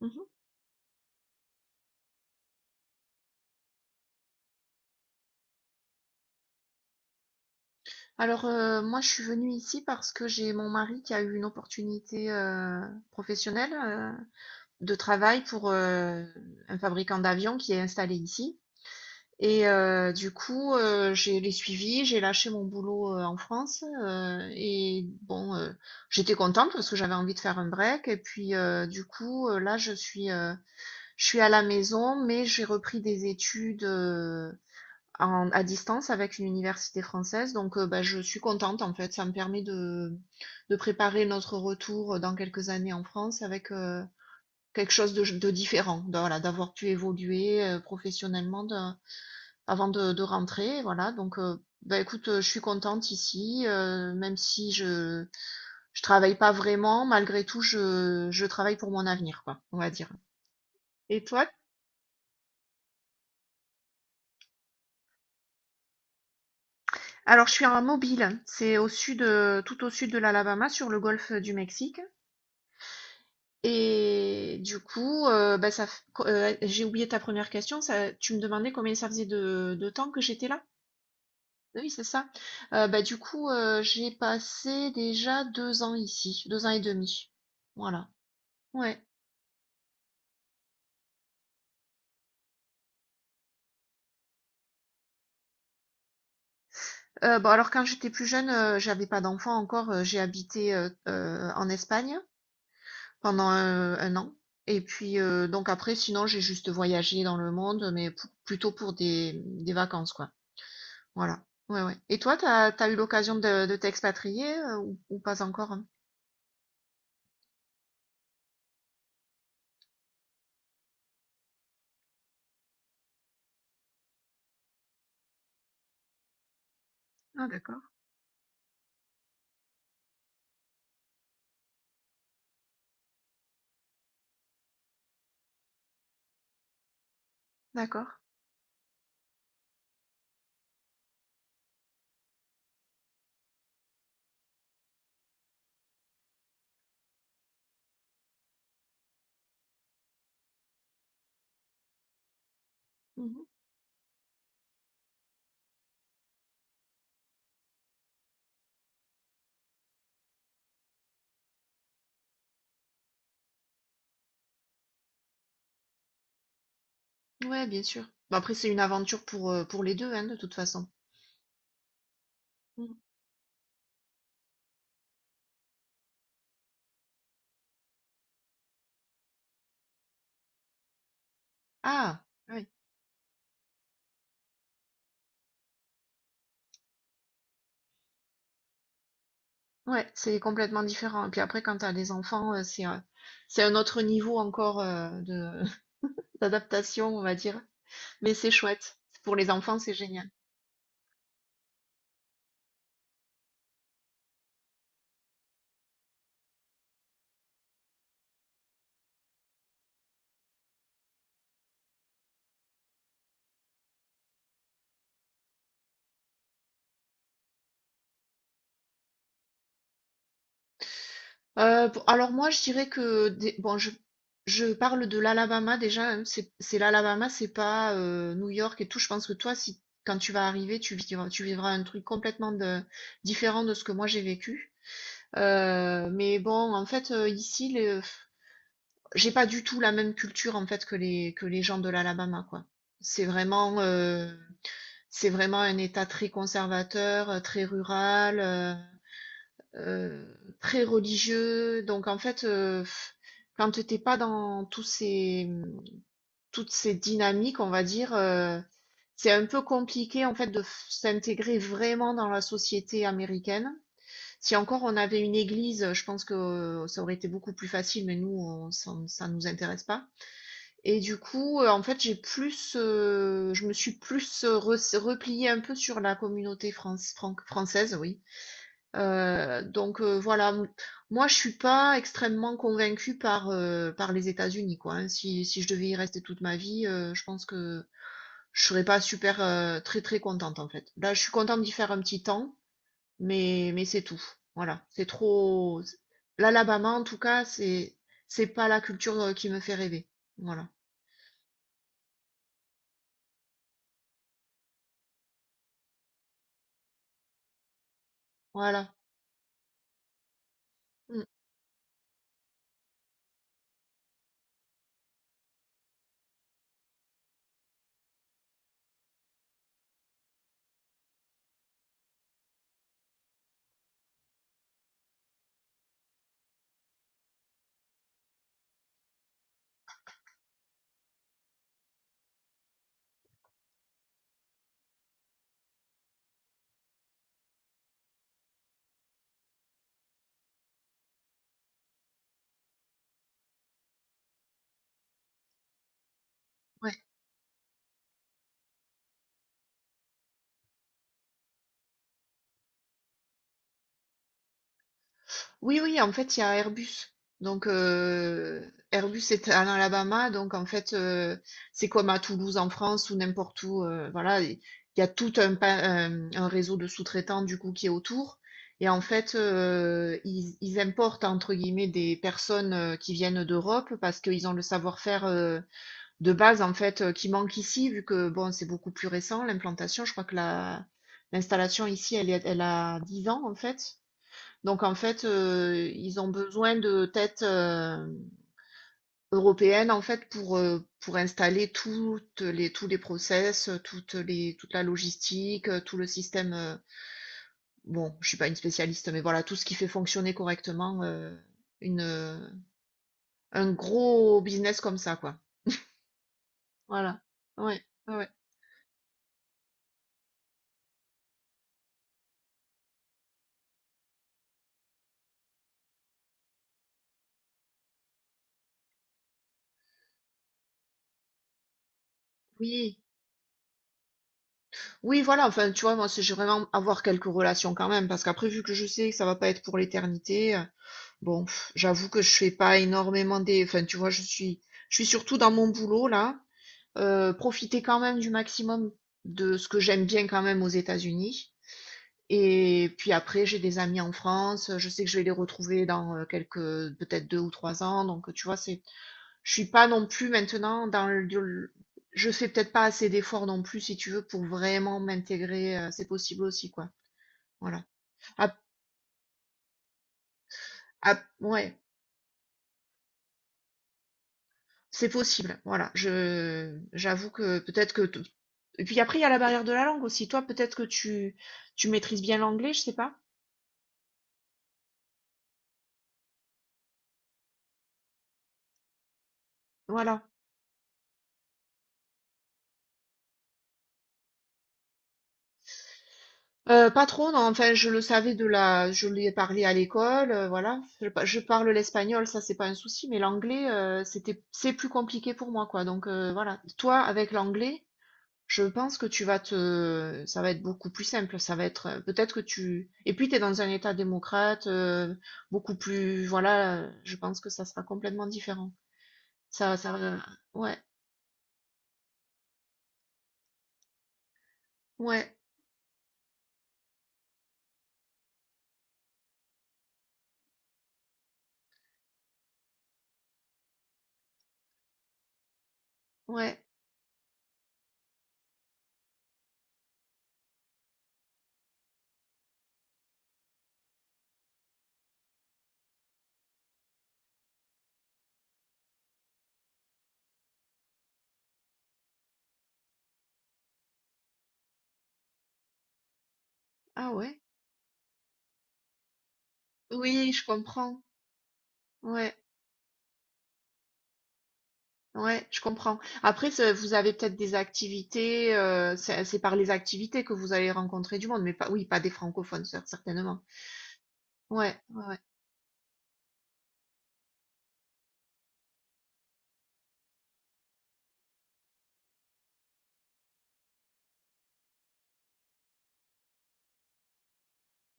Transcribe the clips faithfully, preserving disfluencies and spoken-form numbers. Mmh. Alors, heu, moi, je suis venue ici parce que j'ai mon mari qui a eu une opportunité, heu, professionnelle, heu, de travail pour, heu, un fabricant d'avions qui est installé ici. Et euh, du coup, euh, j'ai les suivis, j'ai lâché mon boulot euh, en France euh, et bon, euh, j'étais contente parce que j'avais envie de faire un break. Et puis euh, du coup, euh, là, je suis, euh, je suis à la maison, mais j'ai repris des études euh, en, à distance avec une université française. Donc, euh, bah, je suis contente en fait. Ça me permet de, de préparer notre retour dans quelques années en France avec euh, quelque chose de, de différent. Donc, voilà, d'avoir pu évoluer euh, professionnellement. De, avant de, de rentrer, voilà. Donc, euh, bah, écoute, euh, je suis contente ici, euh, même si je je travaille pas vraiment, malgré tout, je, je travaille pour mon avenir, quoi, on va dire. Et toi? Alors, je suis en mobile, c'est au sud, euh, tout au sud de l'Alabama, sur le golfe du Mexique. Et du coup, euh, bah, ça, f- co- euh, j'ai oublié ta première question. Ça, tu me demandais combien ça faisait de, de temps que j'étais là? Oui, c'est ça. Euh, bah, du coup, euh, j'ai passé déjà deux ans ici, deux ans et demi. Voilà. Ouais. Heu, bah, alors quand j'étais plus jeune, heu, j'avais pas d'enfant encore, heu, j'ai habité, heu heu, en Espagne pendant, un 1 an et puis, heu, donc après sinon j'ai juste voyagé dans le monde, mais pou plutôt pour des des vacances, quoi. Voilà. Ouais, ouais, et toi, t'as t'as eu l'occasion de de t'expatrier, heu, ou ou pas encore? Hein? Ah d'accord, d'accord. Mmh. Ouais, bien sûr. Bah, après c'est une aventure pour, heu, pour les deux hein, de toute façon. Mmh. Ah! Oui. Ouais, c'est complètement différent. Et puis après, quand tu as les enfants, euh, c'est un, c'est un autre niveau encore euh, de d'adaptation, on va dire. Mais c'est chouette. Pour les enfants, c'est génial. Euh, pour- alors moi, je dirais que des- bon, je, je parle de l'Alabama déjà. Hein. c'est c'est l'Alabama, c'est pas euh, New York et tout. Je pense que toi, si quand tu vas arriver, tu vivras, tu vivras un truc complètement de- différent de ce que moi j'ai vécu. Euh, mais bon, en fait, euh, ici, les, j'ai pas du tout la même culture en fait que les que les gens de l'Alabama quoi. C'est vraiment euh, c'est vraiment un État très conservateur, euh, très rural, euh, euh, très religieux. Donc en fait, euh, pff, quand t'es pas dans tous ces toutes ces dynamiques, on va dire, euh, c'est un peu compliqué en fait de f- s'intégrer vraiment dans la société américaine. Si encore on avait une église, je pense que euh, ça aurait été beaucoup plus facile, mais nous, on, ça ça nous intéresse pas. Et du coup, heu, en fait, j'ai plus, heu, je me suis plus, heu, res repliée un peu sur la communauté France fran française, oui. Heu, donc heu, voilà, m moi, je suis pas extrêmement convaincue par, heu, par les États-Unis, quoi, hein. Si si je devais y rester toute ma vie, heu, je pense que je serais pas super, heu, très, très contente, en fait. Là, je suis contente d'y faire un petit temps, mais mais c'est tout. Voilà, c'est trop l'Alabama, en tout cas, c'est c'est pas la culture, heu, qui me fait rêver. Voilà, voilà. Mmh. Ouais. Oui, oui, en fait, il y a Airbus. Donc, euh, Airbus est en Alabama. Donc, en fait, euh, c'est comme à Toulouse en France ou n'importe où. euh, voilà, il y a tout un, pa- un, un réseau de sous-traitants, du coup, qui est autour. Et en fait, euh, ils, ils importent, entre guillemets, des personnes euh, qui viennent d'Europe parce qu'ils ont le savoir-faire euh, de base, en fait, euh, qui manque ici, vu que, bon, c'est beaucoup plus récent, l'implantation. Je crois que la, l'installation ici, elle, est- elle a dix ans, en fait. Donc en fait, heu, ils ont besoin de têtes, heu, européennes en fait pour, heu, pour installer toutes les tous les process, heu, toutes les toute la logistique, heu, tout le système, heu, bon, je suis pas une spécialiste, mais voilà, tout ce qui fait fonctionner correctement, heu, une, heu, un gros business comme ça, quoi. Voilà. Ouais, ouais, ouais. Oui, oui, voilà, enfin, tu vois, moi, c'est j'ai vraiment avoir quelques relations quand même, parce qu'après vu que je sais que ça va pas être pour l'éternité, heu bon, pff, j'avoue que je fais pas énormément des. Enfin, tu vois, je suis, je suis surtout dans mon boulot là. Euh, profiter quand même du maximum de ce que j'aime bien quand même aux États-Unis. Et puis après, j'ai des amis en France. Je sais que je vais les retrouver dans euh, quelques, peut-être deux ou trois ans. Donc, tu vois, c'est, je suis pas non plus maintenant dans le. Je fais peut-être pas assez d'efforts non plus, si tu veux, pour vraiment m'intégrer. euh, C'est possible aussi, quoi. Voilà. Ap- ap- ouais. C'est possible, voilà. Je j'avoue que peut-être que t- et puis après il y a la barrière de la langue aussi. Toi peut-être que tu tu maîtrises bien l'anglais, je sais pas. Voilà. Euh, pas trop, non. Enfin, je le savais de la, je l'ai parlé à l'école, euh, voilà. Je, pa- je parle l'espagnol, ça c'est pas un souci, mais l'anglais, euh, c'était, c'est plus compliqué pour moi, quoi. Donc euh, voilà. Toi, avec l'anglais, je pense que tu vas te, ça va être beaucoup plus simple. Ça va être, peut-être que tu, et puis tu es dans un État démocrate, euh, beaucoup plus, voilà, euh, je pense que ça sera complètement différent. Ça, ça va, ouais, ouais, ouais, ah ouais, oui, je comprends, ouais, ouais, je comprends. Après, ça- vous avez peut-être des activités, euh, c'est c'est par les activités que vous allez rencontrer du monde, mais pas, oui, pas des francophones, cer- certainement. Ouais, ouais, ouais.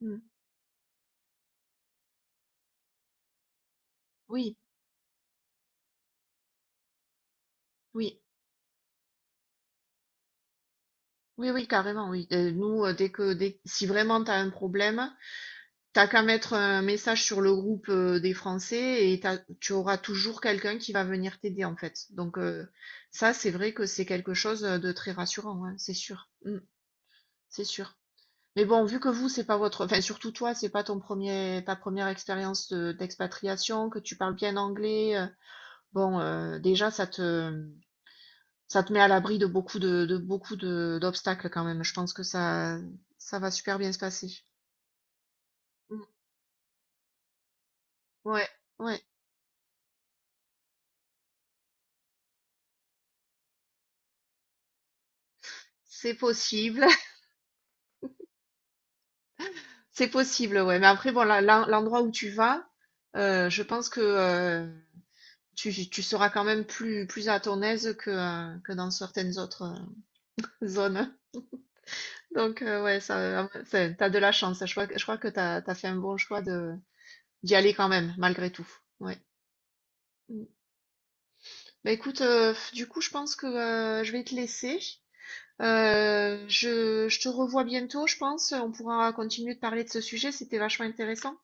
Hmm. Oui, oui. Oui, oui, carrément, oui. Euh, nous, euh, dès que, dès, si vraiment tu as un problème, t'as qu'à mettre un message sur le groupe euh, des Français et t'as- tu auras toujours quelqu'un qui va venir t'aider, en fait. Donc, euh, ça, c'est vrai que c'est quelque chose euh, de très rassurant, hein, c'est sûr. Mm, c'est sûr. Mais bon, vu que vous, c'est pas votre, enfin, surtout toi, c'est pas ton premier, ta première expérience de- d'expatriation, que tu parles bien anglais, euh, bon, euh, déjà, ça te, ça te met à l'abri de beaucoup de, de beaucoup de d'obstacles quand même. Je pense que ça, ça va super bien se passer. Mm. Ouais, ouais, c'est possible, c'est possible, ouais. Mais après, bon, la- la- l'endroit où tu vas, euh, je pense que euh, tu, tu seras quand même plus, plus à ton aise que, euh, que dans certaines autres euh, zones. Donc, euh, ouais, ça, c'est- t'as de la chance. Je crois, que- je crois que t'as, t'as fait un bon choix de d'y aller quand même, malgré tout. Ouais. Mm. Bah écoute, euh, du coup, je pense que euh, je vais te laisser. Euh, je, je te revois bientôt, je pense. On pourra continuer de parler de ce sujet, c'était vachement intéressant.